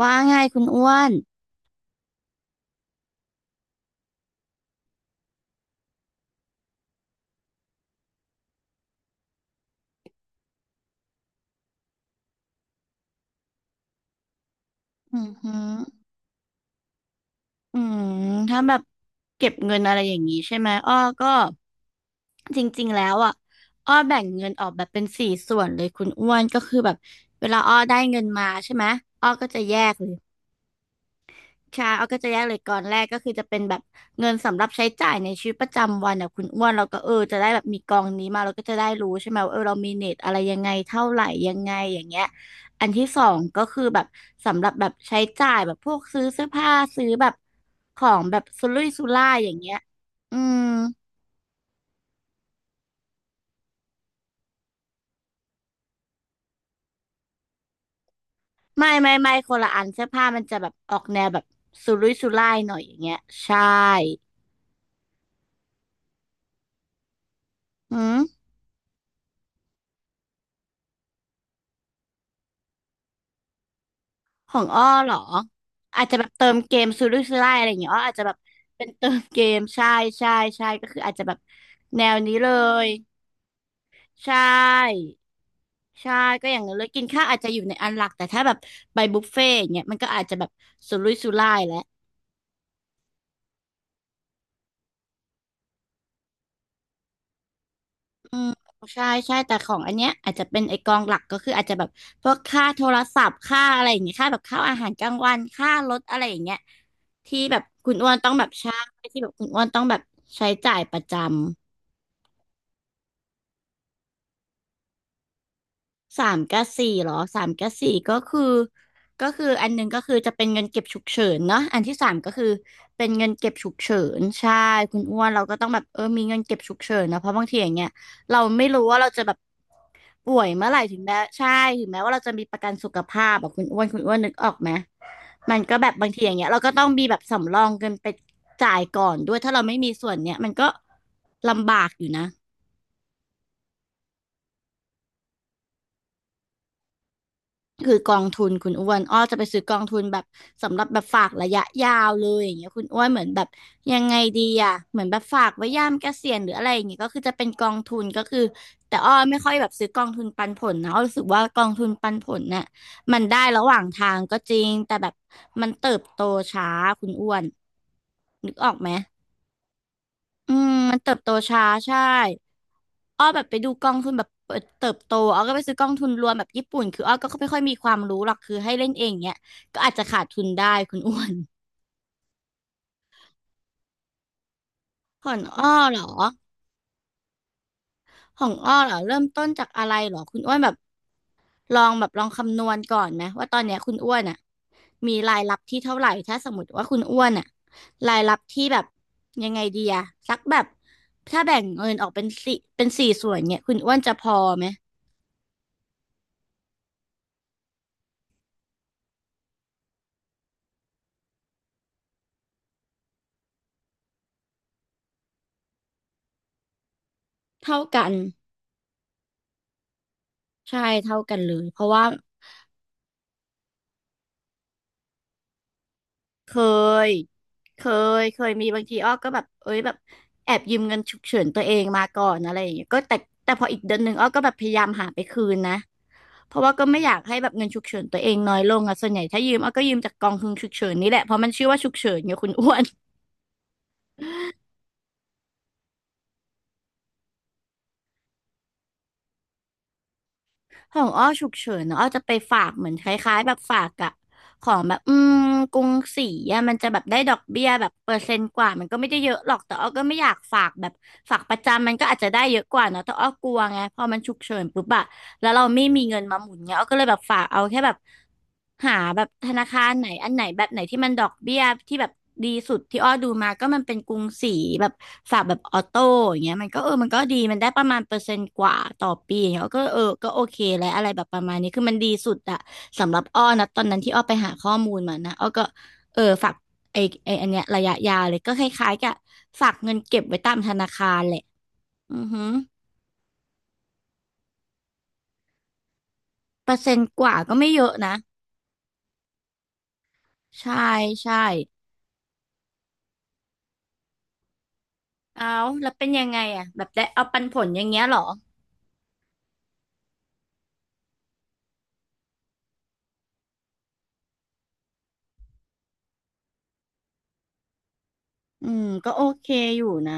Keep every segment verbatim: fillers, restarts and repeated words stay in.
ว่าไงายคุณอ้วนอือหืออืมถ้าแบบเก็บเงินอะไรอย่างนี้ใช่ไหมอ้อก็จริงๆ แล้วอ่ะอ้อแบ่งเงินออกแบบเป็นสี่ส่วนเลยคุณอ้วนก็คือแบบเวลาอ้อได้เงินมาใช่ไหมอ้อก็จะแยกเลย ใช่เอาก็จะแยกเลยก่อนแรกก็คือจะเป็นแบบเงินสำหรับใช้จ่ายในชีวิตประจำวันอ่ะคุณอ้วนเราก็เออจะได้แบบมีกองนี้มาเราก็จะได้รู้ใช่ไหมว่าเออเรามีเน็ตอะไรยังไงเท่าไหร่ยังไงอย่างเงี้ยอันที่สองก็คือแบบสำหรับแบบใช้จ่ายแบบพวกซื้อเสื้อผ้าซื้อแบบของแบบสุรุ่ยสุร่ายอย่างเงี้ยอืมไม่ไม่ไม่คนละอันเสื้อผ้ามันจะแบบออกแนวแบบสุรุ่ยสุร่ายหน่อยอย่างเงี้ยใช่อืม ของอ้อเหรออาจจะแบบเติมเกมซื้อดยซื้อไล่อะไรอย่างเงี้ยอ้ออาจจะแบบเป็นเติมเกมใช่ใช่ใช่ก็คืออาจจะแบบแนวนี้เลยใช่ใช่ก็อย่างนั้นเลยกินข้าวอาจจะอยู่ในอันหลักแต่ถ้าแบบไปบุฟเฟ่ต์อย่างเงี้ยมันก็อาจจะแบบสุรุ่ยสุร่ายแล้ว อืมใช่ใช่แต่ของอันเนี้ยอาจจะเป็นไอกองหลักก็คืออาจจะแบบพวกค่าโทรศัพท์ค่าอะไรอย่างเงี้ยค่าแบบค่าอาหารกลางวันค่ารถอะไรอย่างเงี้ยที่แบบคุณอ้วนต้องแบบใช้ที่แบบคุณอ้วนต้องแบบใช้จ่ายประจำสามกับสี่เหรอสามกับสี่ก็คือก็คืออันหนึงก็คือจะเป็นเงินเก็บฉุกเฉินเนาะอันที่สามก็คือเป็นเงินเก็บฉุกเฉินใช่คุณอ้วนเราก็ต้องแบบเออมีเงินเก็บฉุกเฉินนะเพราะบางทีอย่างเงี้ยเราไม่รู้ว่าเราจะแบบ ป่วยเมื่อไหร่ถึงแม้ใช่ถึงแม้ว่าเราจะมีประกันสุขภาพแบบคุณอ้วนคุณอ้วนนึกออกไหมมันก็แบบบางทีอย่างเงี้ยเราก็ต้องมีแบบสำรองเงินไปจ่ายก่อนด้วยถ้าเราไม่มีส่วนเนี้ยมันก็ลำบากอยู่นะ คือกองทุนคุณอ้วนอ้อจะไปซื้อกองทุนแบบสำหรับแบบฝากระยะยาวเลยอย่างเงี้ยคุณอ้วนเหมือนแบบยังไงดีอ่ะเหมือนแบบฝากไว้ยามเกษียณหรืออะไรอย่างเงี้ยก็คือจะเป็นกองทุนก็คือแต่อ้อไม่ค่อยแบบซื้อกองทุนปันผลนะอ้อรู้สึกว่ากองทุนปันผลน่ะมันได้ระหว่างทางก็จริงแต่แบบมันเติบโตช้าคุณอ้วนนึกออกไหมอืมมันเติบโตช้าใช่ อ้อแบบไปดูกองทุนแบบเปิดเติบโตอ้อก็ไปซื้อกองทุนรวมแบบญี่ปุ่นคืออ้อก็ไม่ค่อยมีความรู้หรอกคือให้เล่นเองเนี้ยก็อาจจะขาดทุนได้คุณอ้วน ของอ้อเหรอของอ้อเหรอเริ่มต้นจากอะไรเหรอคุณอ้วนแบบลองแบบลองคำนวณก่อนไหมว่าตอนเนี้ยคุณอ้วนอ่ะมีรายรับที่เท่าไหร่ถ้าสมมติว่าคุณอ้วนอ่ะรายรับที่แบบยังไงดีอะสักแบบถ้าแบ่งเงินออกเป็นสี่เป็นสี่ส่วนเนี่ยคุณอ้วนจะพอไหมเท่ากันใช่เท่ากันเลยเพราะว่า เคยเคยเคยมีบางทีอ้อก็แบบเอ้ยแบบแอบยืมเงินฉุกเฉินตัวเองมาก่อนอะไรอย่างเงี้ยก็แต่แต่พออีกเดือนหนึ่งอ้อก็แบบพยายามหาไปคืนนะเพราะว่าก็ไม่อยากให้แบบเงินฉุกเฉินตัวเองน้อยลงอะส่วนใหญ่ถ้ายืมอ้อก็ยืมจากกองทุนฉุกเฉินนี่แหละเพราะมันชื่อว่าฉุกเฉินไงคุณอ้วน ของอ้อฉุกเฉินนอะอ้อจะไปฝากเหมือนคล้ายๆแบบฝากอะของแบบอืมกรุงศรีอะมันจะแบบได้ดอกเบี้ยแบบเปอร์เซ็นต์กว่ามันก็ไม่ได้เยอะหรอกแต่อ้อก็ไม่อยากฝากแบบฝากประจำมันก็อาจจะได้เยอะกว่าเนาะแต่อ้อกลัวไงพอมันฉุกเฉินปุ๊บอะแล้วเราไม่มีเงินมาหมุนเงี้ยอ้อก็เลยแบบฝากเอาแค่แบบ หาแบบธนาคารไหนอันไหนแบบไหนที่มันดอกเบี้ยที่แบบดีสุดที่อ้อดูมาก็มันเป็นกรุงศรีแบบฝากแบบออโต้อย่างเงี้ยมันก็เออมันก็ดีมันได้ประมาณเปอร์เซ็นต์กว่าต่อปีอย่างเงี้ยก็เออก็โอเคแล้วอะไรแบบประมาณนี้คือมันดีสุดอะสำหรับอ้อนะตอนนั้นที่อ้อไปหาข้อมูลมานะอ้อก็เออฝากไอไออันเนี้ยระยะยาวเลยก็คล้ายๆกับฝากเงินเก็บไว้ตามธนาคารแหละอือหือเปอร์เซ็นต์กว่าก็ไม่เยอะนะใช่ใช่ เอาแล้วเป็นยังไงอ่ะแบบได้เอาปันผลอย่างเงี้ยเหรอ อืม ก็โอเคอยู่นะ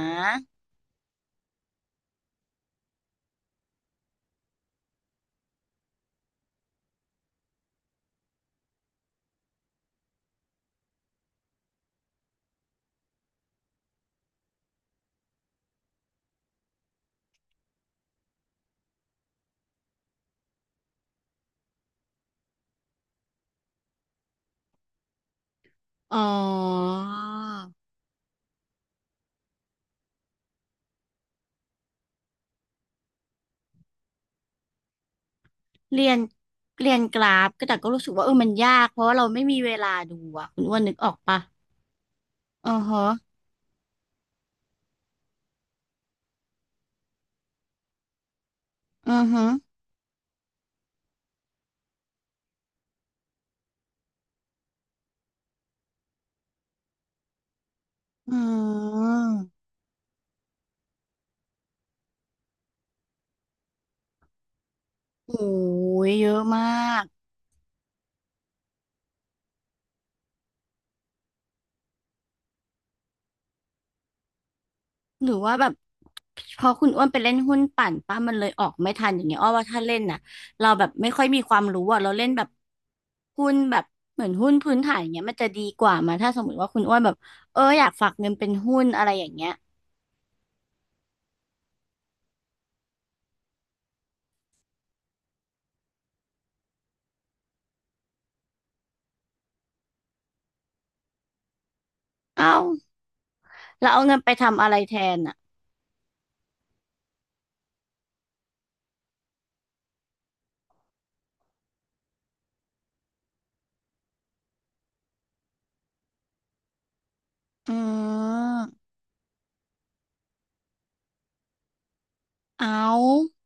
อ๋อ เรียนเรียนกราฟก็แต่ก็รู้สึกว่าเออมันยากเพราะว่าเราไม่มีเวลาดูอ่ะคุณอ้วนนึกออกปะอือฮะอือฮะอืมโอ้ยเยอะมาก หรือว่าแบบพอคุณอ้วนไปเล่นหุ้นปั่นป้ามันเลยออกไม่ทันอย่างเงี้ยอ้อว่าถ้าเล่นน่ะเราแบบไม่ค่อยมีความรู้อ่ะเราเล่นแบบหุ้นแบบเหมือนหุ้นพื้นฐานอย่างเงี้ยมันจะดีกว่ามาถ้าสมมติว่าคุณอ้วนแบบเอออยากฝากเงินเป็นหุ้นอะไรอย่างเงี้ยเอ้าแล้วเอาเงินไปทำอะไรแทนอ่ะอืมเอา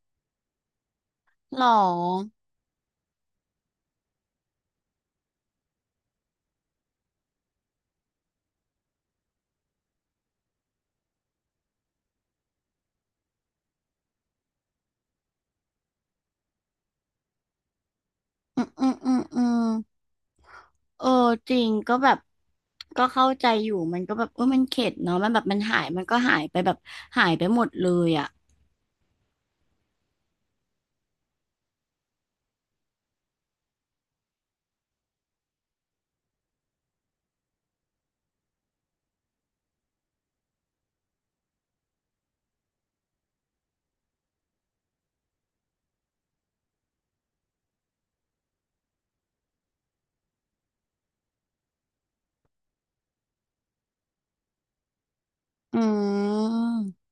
หรออืมอืมอืมอืมเออจริงก็แบบก็เข้าใจอยู่มันก็แบบเออมันเข็ดเนาะมันแบบมันหายมันก็หายไปแบบหายไปหมดเลยอ่ะ อืม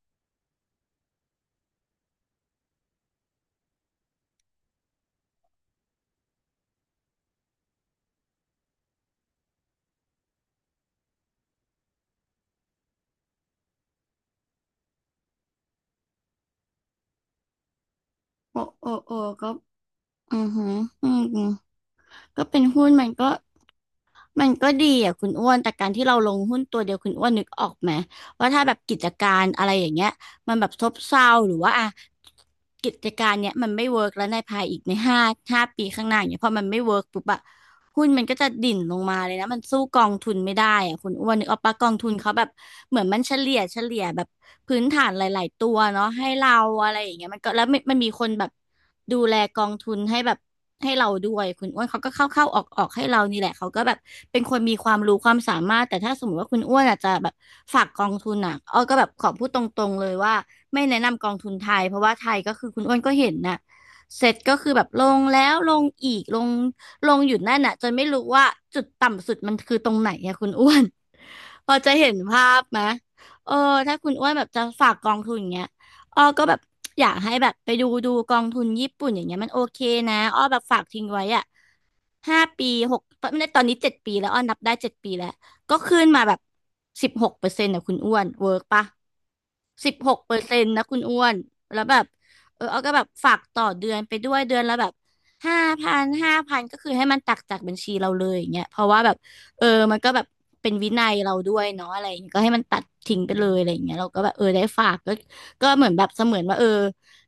โอโอโอก็อือหืออืมก็เป็นหุ้นมันก็ มันก็ดีอ่ะคุณอ้วน แต่การที่เราลงหุ้นตัวเดียวคุณอ้วนนึกออกไหมว่าถ้าแบบกิจการอะไรอย่างเงี้ยมันแบบซบเซาหรือว่าอ่ะ กิจการเนี้ยมันไม่เวิร์กแล้วในภายอีกในห้าห้าปีข้างหน้าเนี้ยพอมันไม่เวิร์กปุ๊บอะ หุ้นมันก็จะดิ่นลงมาเลยนะมันสู้กองทุนไม่ได้อะคุณอ้วนนึกออกปะกองทุนเขาแบบเหมือนมันเฉลี่ยเฉลี่ยแบบพื้นฐานหลายๆตัวเนาะให้เราอะไรอย่างเงี้ยมันก็แล้วมันมันมีคนแบบดูแลกองทุนให้แบบให้เราด้วยคุณอ้วนเขาก็เข้าเข้าออกออกให้เรานี่แหละเขาก็แบบเป็นคนมีความรู้ความสามารถแต่ถ้าสมมติว่าคุณอ้วนอาจจะแบบฝากกองทุนอ่ะอ้อก็แบบขอพูดตรงๆเลยว่าไม่แนะนำกองทุนไทยเพราะว่าไทยก็คือคุณอ้วนก็เห็นน่ะเสร็จก็คือแบบลงแล้วลงอีกลง ลงอยู่นั่นน่ะจนไม่รู้ว่าจุดต่ำสุดมันคือตรงไหนอะคุณอ้วน พอจะเห็นภาพไหมเออถ้าคุณอ้วนแบบจะฝากกองทุนอย่างเงี้ยอ้อก็แบบอยากให้แบบไปดูดูกองทุนญี่ปุ่นอย่างเงี้ยมันโอเคนะอ้อแบบฝากทิ้งไว้อะ ห้าปีหกไม่ได้ตอนนี้เจ็ดปีแล้วอ้อนับได้เจ็ดปีแล้วก็ขึ้นมาแบบสิบหกเปอร์เซ็นต์นะคุณอ้วนเวิร์กปะสิบหกเปอร์เซ็นต์นะคุณอ้วนแล้วแบบเออเอาก็แบบฝากต่อเดือนไปด้วยเดือนละแบบห้าพันห้าพันก็คือให้มันตักจากบัญชีเราเลยอย่างเงี้ยเพราะว่าแบบเออมันก็แบบเป็นวินัยเราด้วยเนาะอะไรอย่างเงี้ยก็ให้มันตัดทิ้งไปเลยอะไรอย่างเงี้ยเราก็แบบเออได้ฝากก็ก็เหมือนแบบเสมือนว่าเออ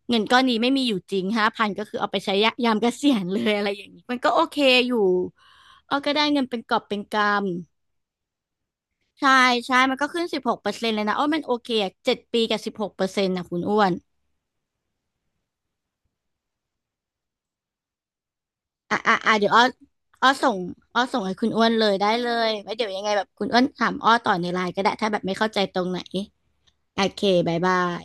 เงินก้อนนี้ไม่มีอยู่จริงห้าพันก็คือเอาไปใช้ยะยามเกษียณเลยอะไรอย่างนี้มันก็โอเคอยู่เอาก็ได้เงินเป็นกอบเป็นกำใช่ใช่มันก็ขึ้นสิบหกเปอร์เซ็นต์เลยนะอ้อมันโอเคอะเจ็ดปีกับสิบหกเปอร์เซ็นต์นะคุณอ้วนอ่ะอ่ะอ่ะเดี๋ยวอ้ออ้อส่งอ้อส่งให้คุณอ้วนเลยได้เลยไว้เดี๋ยวยังไงแบบคุณอ้วนถามอ้อต่อในไลน์ก็ได้ถ้าแบบไม่เข้าใจตรงไหนโอเคบายบาย